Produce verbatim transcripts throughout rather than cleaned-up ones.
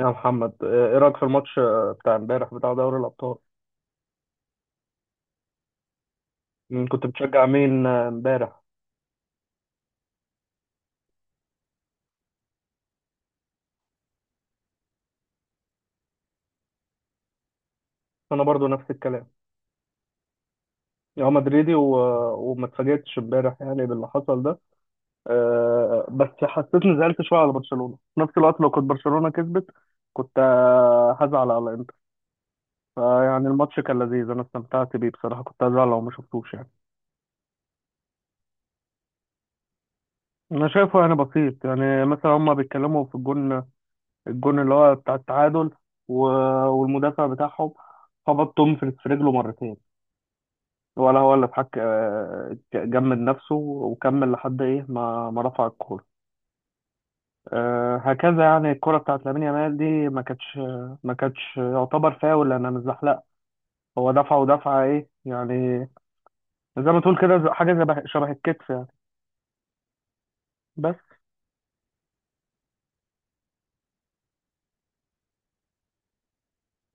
يا محمد، ايه رأيك في الماتش بتاع امبارح بتاع دوري الأبطال؟ مين كنت بتشجع مين امبارح؟ انا برضو نفس الكلام. يا مدريدي و... وما اتفاجئتش امبارح يعني باللي حصل ده. أه بس حسيت اني زعلت شويه على برشلونه، في نفس الوقت لو كنت برشلونه كسبت كنت آه، هزعل على انتر. فيعني الماتش كان لذيذ، انا استمتعت بيه بصراحه، كنت هزعل لو ما شفتوش يعني. انا شايفه يعني بسيط، يعني مثلا هما بيتكلموا في الجون، الجون اللي هو بتاع التعادل و- والمدافع بتاعهم خبط تومفرز في رجله مرتين، ولا هو اللي اتحك آه، جمد نفسه وكمل لحد ايه، ما ما رفع الكوره. آه، هكذا يعني. الكرة بتاعت لامين يامال دي ما كانتش، ما كانتش يعتبر فاول لأنها متزحلقة، هو دفع ودفعة إيه يعني؟ زي ما تقول كده ز- حاجة زي شبه الكتف يعني. بس.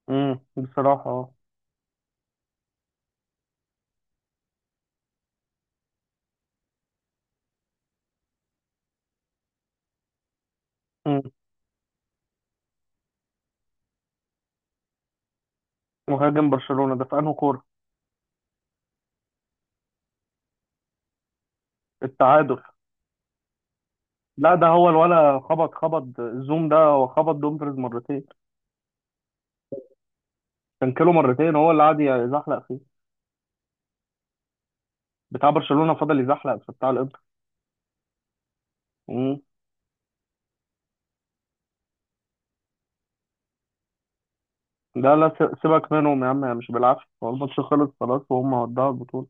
امم، بصراحة اه. مم. مهاجم برشلونة ده في أنهي كورة؟ التعادل. لا ده هو الولا، خبط خبط الزوم، ده هو خبط دومفريز مرتين، كانكيلو مرتين هو اللي قعد يزحلق فيه. بتاع برشلونة فضل يزحلق في بتاع الانتر. مم. ده لا، س- سيبك منهم يا عم، هي مش بالعافية، هو الماتش خلص خلاص وهم ودعوا البطولة.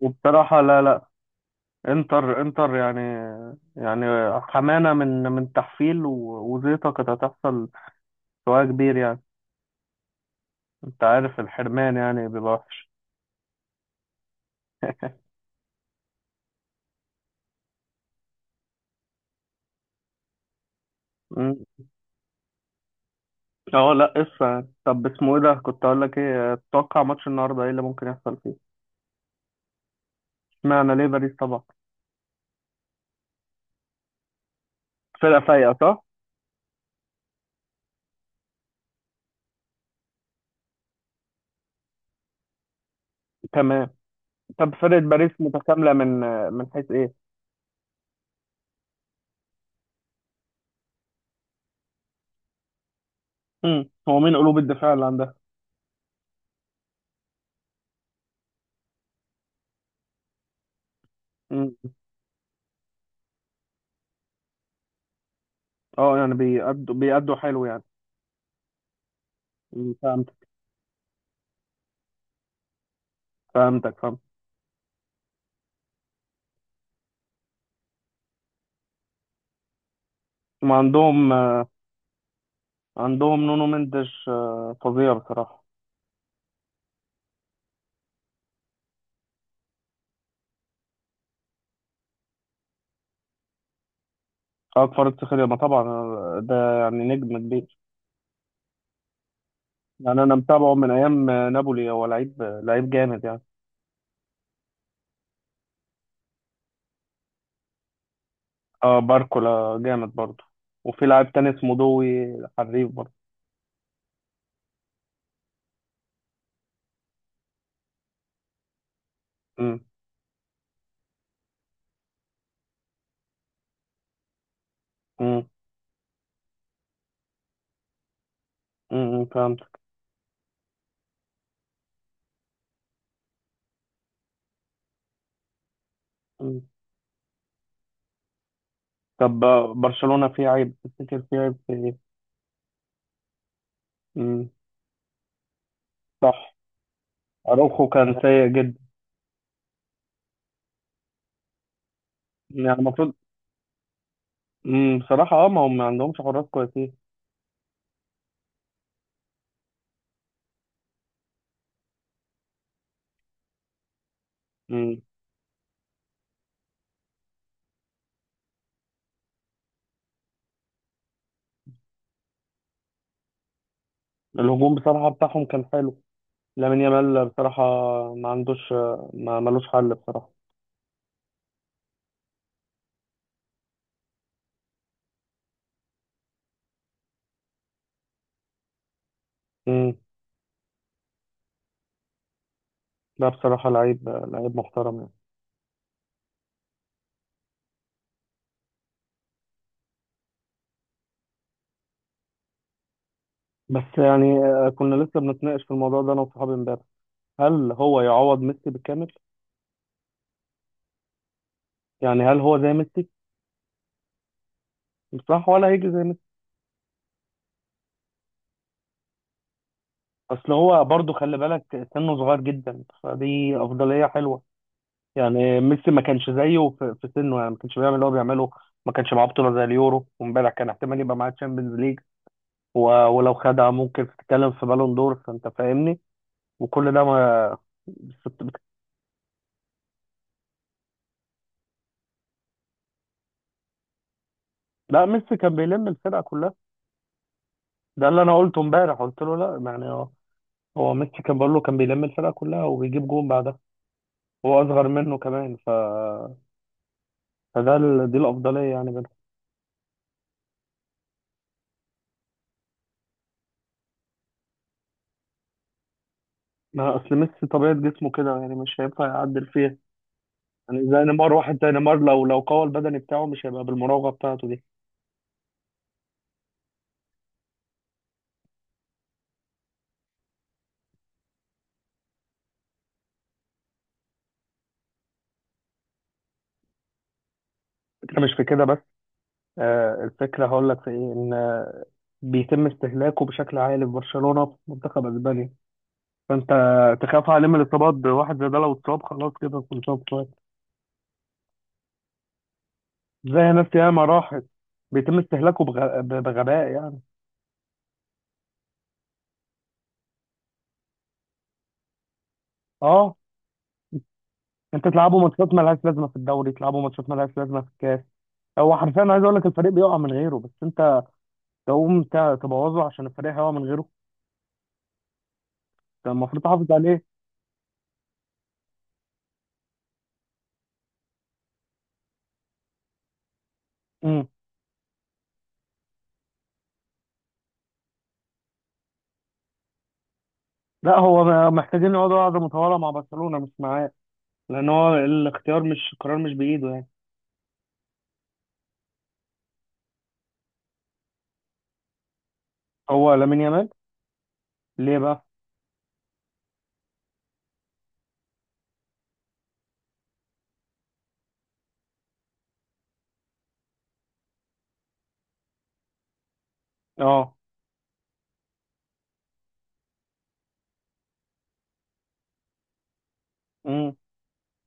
وبصراحة لا، لا. انتر انتر يعني، يعني حمانة من من تحفيل و- وزيطة كانت هتحصل، سواء كبير يعني. انت عارف الحرمان يعني بيبقى وحش. اه لا قصة. طب اسمه ايه ده، كنت اقول لك ايه، تتوقع ماتش النهارده ايه اللي ممكن يحصل فيه؟ اشمعنى، ليه باريس طبعا؟ فرقة فايقة، صح؟ تمام. طب فرقة باريس متكاملة من، من حيث ايه؟ امم، هو مين قلوب الدفاع اللي عندها؟ امم. اه يعني بيأدوا بيأدوا حلو يعني. مم، فهمت. فهمتك، فهمت. ما عندهم. عندهم نونو مندش، آه، فظيع بصراحة. أكبر افتخار ما طبعا، آه، ده يعني نجم كبير. يعني أنا متابعه من أيام آه، نابولي، هو لعيب، آه، لعيب جامد يعني. اه باركولا جامد برضه. وفي لاعب تاني اسمه دوي، حريف برضه. امم. امم. امم، فهمت. مم. طب آه، برشلونة فيه عيب، تفتكر فيه عيب في ايه؟ امم. صح. اروخو كان سيء جدا. يعني المفروض. امم بصراحة اه، ما هم ما عندهمش حراس كويسين. امم. الهجوم بصراحة بتاعهم كان حلو. لامين يامال بصراحة ما عندوش آه، ما ملوش حل بصراحة. امم. لا بصراحة لعيب، لعيب محترم يعني. بس يعني آه، كنا لسه بنتناقش في الموضوع ده انا وصحابي امبارح، هل هو يعوض ميسي بالكامل؟ يعني هل هو زي ميسي؟ بصراحة ولا هيجي زي ميسي. اصل هو برضه خلي بالك سنه صغير جدا، فدي افضلية حلوة. يعني ميسي ما كانش زيه في, في سنه، يعني ما كانش بيعمل اللي هو بيعمله، ما كانش معاه بطولة زي اليورو، وامبارح كان احتمال يبقى معاه تشامبيونز ليج و- ولو خدها ممكن تتكلم في بالون دور، فانت فاهمني. وكل ده ما بت- لا، ميسي كان بيلم الفرقة كلها. ده اللي انا قلته امبارح، قلت له لا، يعني هو، هو ميسي كان بقول له، كان بيلم الفرقة كلها وبيجيب جون بعدها. هو اصغر منه كمان ف... فده ال... دي الافضليه يعني بينهم. ما اصل ميسي طبيعه جسمه كده يعني، مش هينفع يعدل فيها. يعني زي نيمار، واحد زي نيمار لو لو قوى البدني بتاعه مش هيبقى بالمراوغه بتاعته دي. الفكره مش في كده بس. آه الفكره هقول لك في ايه، ان بيتم استهلاكه بشكل عالي في برشلونه، في منتخب اسبانيا، فانت تخاف عليه من الاصابات. واحد زي ده لو اتصاب خلاص كده كل شويه بتوعد. زي ناس ياما راحت. بيتم استهلاكه بغ... بغباء يعني. اه انت تلعبوا ماتشات ملهاش لازمه في الدوري، تلعبوا ماتشات ملهاش لازمه في الكاس. هو حرفيا عايز اقول لك الفريق بيقع من غيره، بس انت تقوم ت- تبوظه عشان الفريق هيقع من غيره. انت المفروض تحافظ عليه. امم. لا هو م- محتاجين يقعدوا قعده مطوله مع برشلونه مش معاه، لان هو الاختيار مش القرار، مش بايده يعني. هو لامين يامال. ليه بقى؟ اه. امم.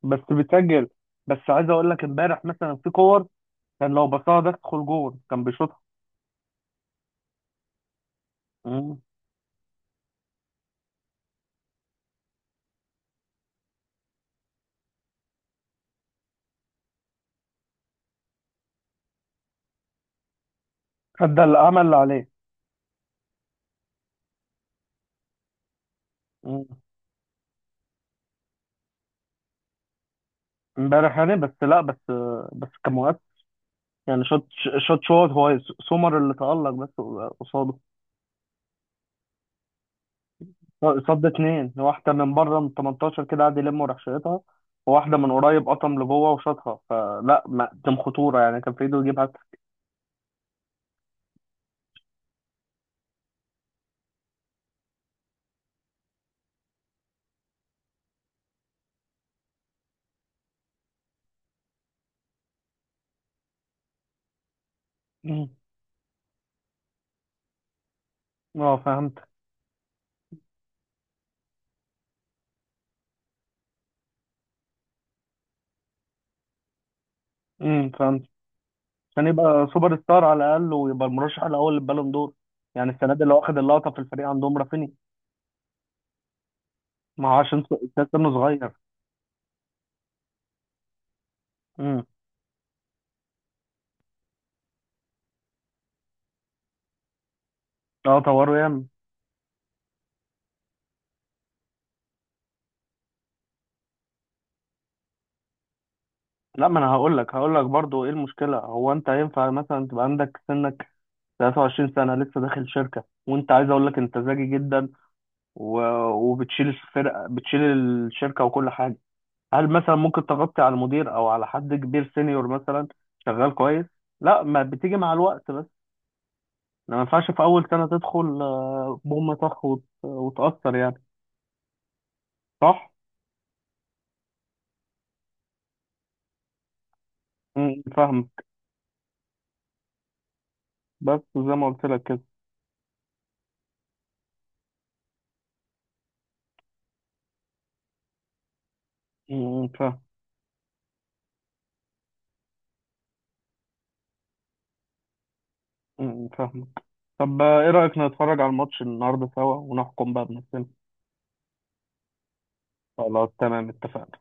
بس بتسجل. بس عايز اقول لك امبارح مثلا في كور، كان لو بصاها ده تدخل جول كان بيشوطها. امم. ادى الامل اللي عليه. امم. امبارح يعني بس، لا بس، بس كان مؤثر. يعني شوت، شوت شوت هو. سومر اللي تألق بس قصاده. صد اتنين، واحدة من بره من تمنتاشر كده قعد يلم وراح شايطها، وواحدة من قريب قطم لجوه وشاطها، فلا ما كان خطورة يعني، كان في ايده يجيب هاتريك. مم. اه فهمت. امم فهمت. عشان يبقى سوبر ستار على الأقل ويبقى المرشح الأول للبالون دور. يعني السنة دي اللي واخد اللقطة في الفريق عندهم رافيني. ما هو عشان س- سنه صغير. امم. اه طوروا ياما. لا ما انا هقول لك هقول لك برضه ايه المشكله، هو انت ينفع مثلا تبقى عندك سنك ثلاث وعشرين سنة لسه داخل شركة، وانت عايز اقول لك انت ذكي جدا و... وبتشيل الفرقة، بتشيل الشركة وكل حاجة، هل مثلا ممكن تغطي على المدير او على حد كبير سينيور مثلا شغال كويس؟ لا، ما بتيجي مع الوقت بس، ما ينفعش في اول سنة تدخل آه، بوم طخ وت... وتأثر يعني، صح؟ امم، فاهمك. بس زي ما قلت لك كده. امم، فاهم. امم، فاهمك. طب آه، ايه رأيك نتفرج على الماتش النهارده سوا ونحكم بقى بنفسنا؟ خلاص تمام، اتفقنا.